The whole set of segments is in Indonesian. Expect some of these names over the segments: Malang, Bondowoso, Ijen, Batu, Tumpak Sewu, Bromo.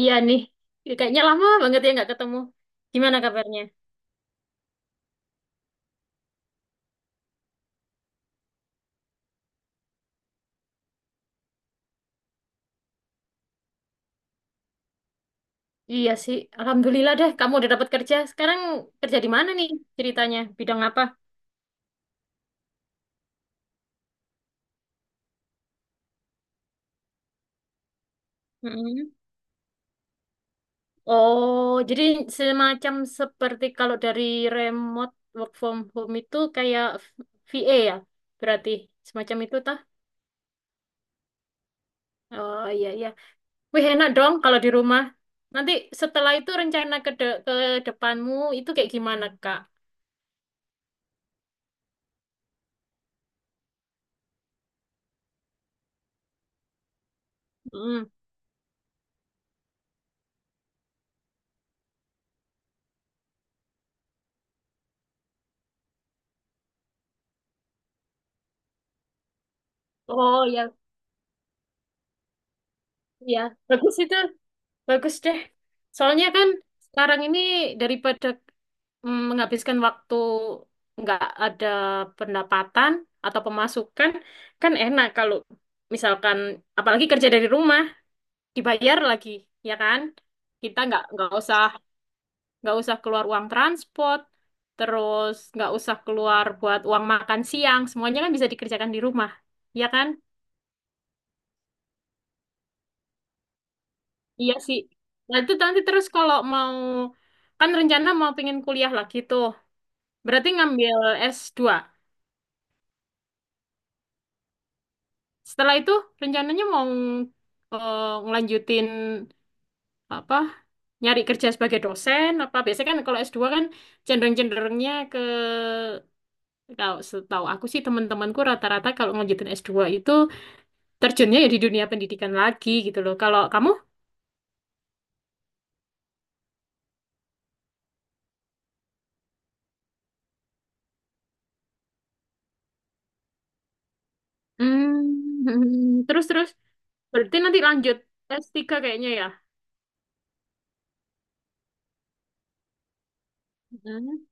Iya nih, kayaknya lama banget ya nggak ketemu. Gimana kabarnya? Iya sih, alhamdulillah deh kamu udah dapat kerja. Sekarang kerja di mana nih ceritanya? Bidang apa? Mm-mm. Oh, jadi semacam seperti kalau dari remote work from home itu kayak VA ya? Berarti semacam itu tah? Oh, iya, iya. Wih, enak dong kalau di rumah. Nanti setelah itu rencana ke depanmu itu kayak gimana, Kak? Mm. Oh, ya, ya. Bagus itu. Bagus deh. Soalnya kan sekarang ini daripada menghabiskan waktu nggak ada pendapatan atau pemasukan, kan enak kalau misalkan apalagi kerja dari rumah dibayar lagi, ya kan? Kita nggak usah keluar uang transport, terus nggak usah keluar buat uang makan siang, semuanya kan bisa dikerjakan di rumah, ya kan? Iya sih. Nah, itu nanti terus kalau mau kan rencana mau pengen kuliah lagi tuh. Berarti ngambil S2. Setelah itu rencananya mau ngelanjutin apa? Nyari kerja sebagai dosen apa? Biasanya kan kalau S2 kan cenderung-cenderungnya ke kalau setahu aku sih teman-temanku rata-rata kalau ngelanjutin S2 itu terjunnya ya di dunia pendidikan lagi gitu loh. Kalau kamu? Hmm. terus terus berarti nanti lanjut S3 kayaknya ya. Hmm.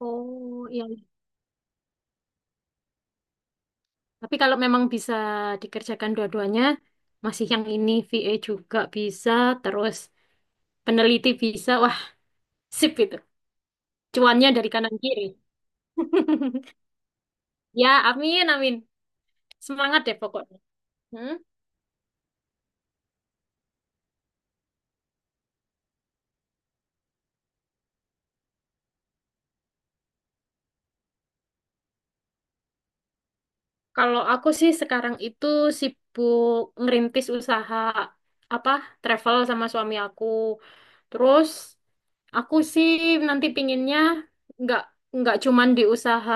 Oh, iya. Tapi kalau memang bisa dikerjakan dua-duanya, masih yang ini VA juga bisa, terus peneliti bisa, wah, sip itu. Cuannya dari kanan kiri. Ya, amin, amin. Semangat deh pokoknya. Hmm? Kalau aku sih sekarang itu sibuk ngerintis usaha apa travel sama suami aku. Terus aku sih nanti pinginnya nggak nggak cuman di usaha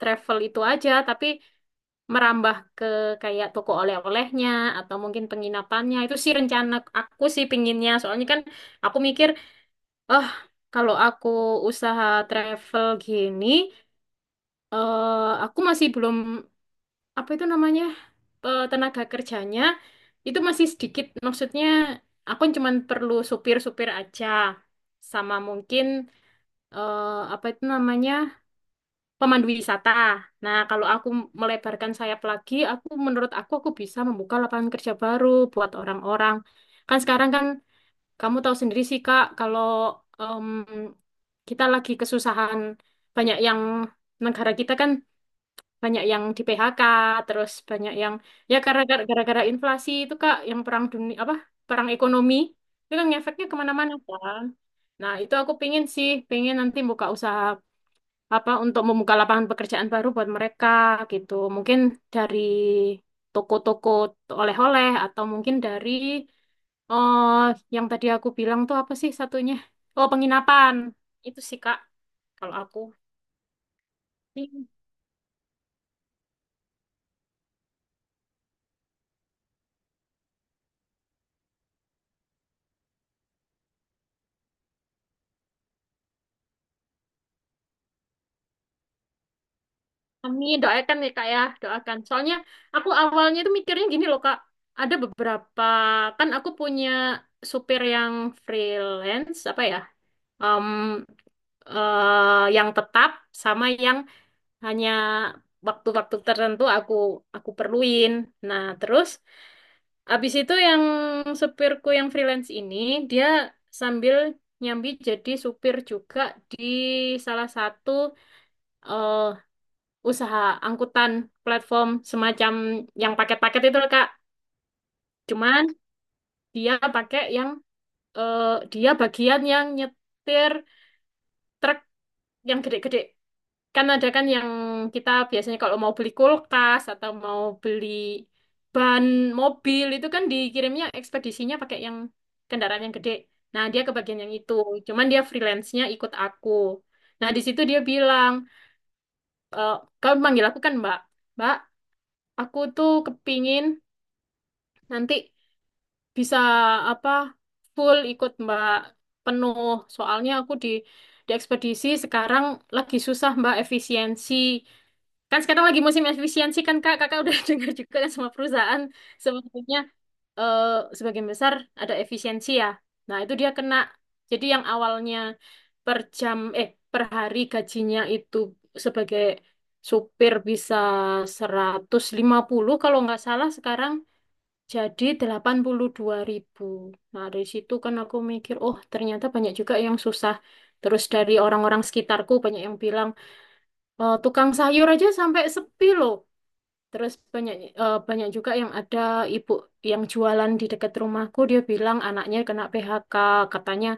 travel itu aja, tapi merambah ke kayak toko oleh-olehnya atau mungkin penginapannya. Itu sih rencana aku sih pinginnya. Soalnya kan aku mikir, oh, kalau aku usaha travel gini, aku masih belum apa itu namanya, tenaga kerjanya itu masih sedikit. Maksudnya aku cuman perlu supir-supir aja sama mungkin eh apa itu namanya? Pemandu wisata. Nah, kalau aku melebarkan sayap lagi, aku menurut aku bisa membuka lapangan kerja baru buat orang-orang. Kan sekarang kan kamu tahu sendiri sih Kak, kalau em, kita lagi kesusahan, banyak yang negara kita kan banyak yang di PHK, terus banyak yang ya karena gara-gara inflasi itu Kak, yang perang dunia apa perang ekonomi itu kan ngefeknya kemana-mana kan. Nah, itu aku pingin sih, pingin nanti buka usaha apa untuk membuka lapangan pekerjaan baru buat mereka gitu. Mungkin dari toko-toko oleh-oleh atau mungkin dari oh yang tadi aku bilang tuh apa sih satunya? Oh, penginapan. Itu sih Kak kalau aku. Amin, doakan ya Kak ya, doakan. Soalnya aku awalnya itu mikirnya gini loh Kak, ada beberapa kan aku punya supir yang freelance apa ya? em, yang tetap sama yang hanya waktu-waktu tertentu aku perluin. Nah, terus abis itu yang supirku yang freelance ini dia sambil nyambi jadi supir juga di salah satu eh, usaha angkutan platform semacam yang paket-paket itu loh, Kak. Cuman dia pakai yang eh, dia bagian yang nyetir truk yang gede-gede. Kan ada kan yang kita biasanya kalau mau beli kulkas atau mau beli ban mobil itu kan dikirimnya ekspedisinya pakai yang kendaraan yang gede. Nah, dia kebagian yang itu. Cuman dia freelance-nya ikut aku. Nah, di situ dia bilang, e, kamu manggil aku kan, Mbak. Mbak, aku tuh kepingin nanti bisa apa full ikut Mbak penuh. Soalnya aku di ekspedisi sekarang lagi susah Mbak efisiensi. Kan sekarang lagi musim efisiensi kan Kak, Kakak udah dengar juga kan semua perusahaan sebenarnya, eh, sebagian besar ada efisiensi ya. Nah, itu dia kena. Jadi yang awalnya per jam eh per hari gajinya itu sebagai supir bisa 150 kalau nggak salah, sekarang jadi 82.000. Nah, dari situ kan aku mikir, oh, ternyata banyak juga yang susah. Terus dari orang-orang sekitarku banyak yang bilang, "Eh, tukang sayur aja sampai sepi loh. Terus banyak, banyak juga yang ada ibu yang jualan di dekat rumahku dia bilang anaknya kena PHK katanya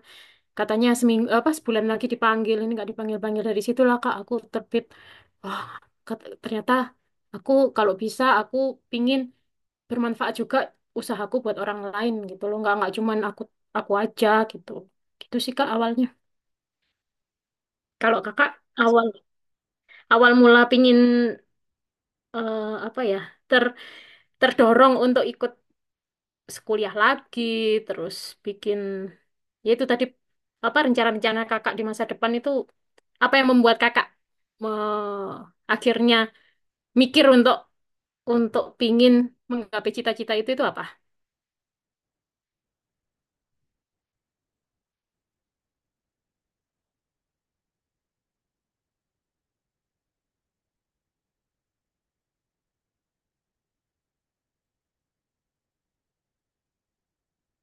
katanya seminggu apa sebulan lagi dipanggil ini nggak dipanggil-panggil. Dari situlah Kak aku terbit, wah, ternyata aku kalau bisa aku pingin bermanfaat juga usahaku buat orang lain gitu loh, nggak cuman aku aja gitu gitu sih Kak awalnya. Kalau Kakak awal awal mula pingin, apa ya, ter terdorong untuk ikut sekuliah lagi, terus bikin ya itu tadi apa rencana-rencana kakak di masa depan itu, apa yang membuat kakak me- akhirnya mikir untuk pingin menggapai cita-cita itu apa?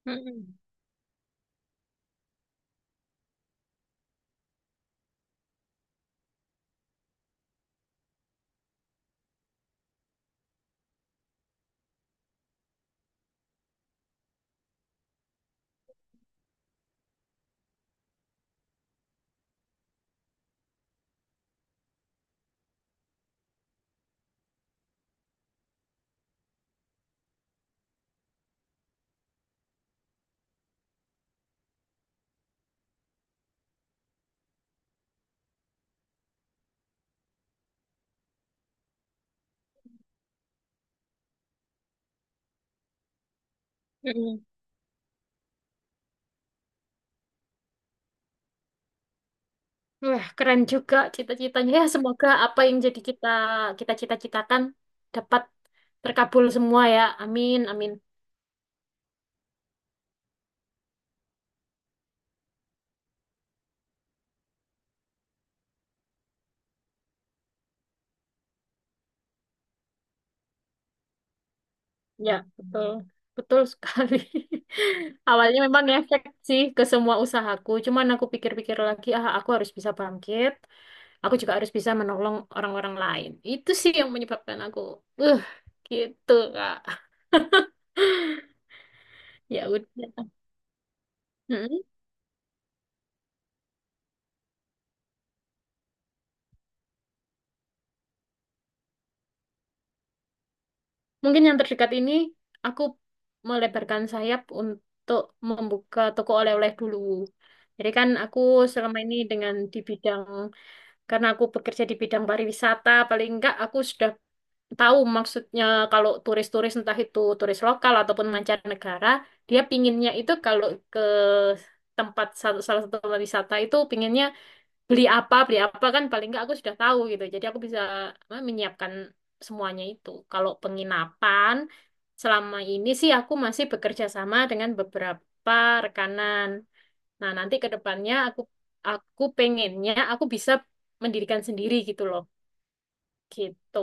Mm-mm. Mm-mm. Wah, keren juga cita-citanya. Ya, semoga apa yang jadi kita kita cita-citakan dapat terkabul semua ya. Amin, amin. Ya, betul. Betul sekali. Awalnya memang ngefek sih ke semua usahaku, cuman aku pikir-pikir lagi, ah, aku harus bisa bangkit, aku juga harus bisa menolong orang-orang lain. Itu sih yang menyebabkan aku, uh, gitu Kak. Ya udah. Mm-mm. Mungkin yang terdekat ini aku melebarkan sayap untuk membuka toko oleh-oleh dulu. Jadi kan aku selama ini dengan di bidang, karena aku bekerja di bidang pariwisata, paling enggak aku sudah tahu maksudnya kalau turis-turis entah itu turis lokal ataupun mancanegara, dia pinginnya itu kalau ke tempat satu salah satu tempat wisata itu pinginnya beli apa kan paling enggak aku sudah tahu gitu. Jadi aku bisa apa, menyiapkan semuanya itu. Kalau penginapan selama ini sih aku masih bekerja sama dengan beberapa rekanan. Nah, nanti ke depannya aku pengennya aku bisa mendirikan sendiri gitu loh. Gitu.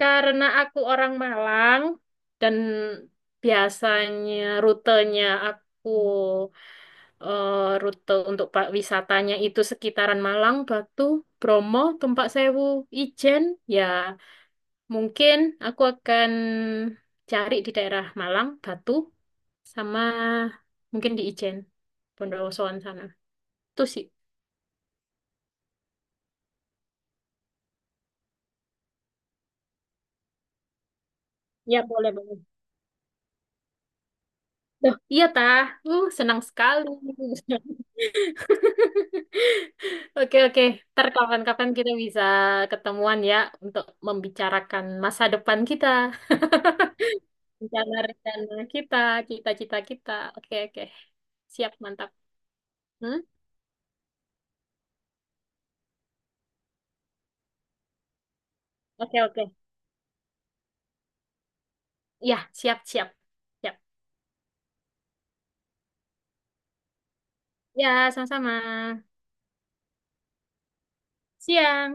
Karena aku orang Malang, dan biasanya rutenya aku, rute untuk wisatanya itu sekitaran Malang, Batu, Bromo, Tumpak Sewu, Ijen, ya mungkin aku akan cari di daerah Malang, Batu, sama mungkin di Ijen, Bondowosoan sana. Itu sih. Ya, boleh, boleh. Duh, iya tah, senang sekali. Oke, oke, ntar kapan-kapan kita bisa ketemuan ya untuk membicarakan masa depan kita, rencana-rencana kita, cita-cita kita. Oke, oke, siap mantap. Hmm? Oke, oke, ya, siap, siap, siap. Ya, sama-sama. Siang.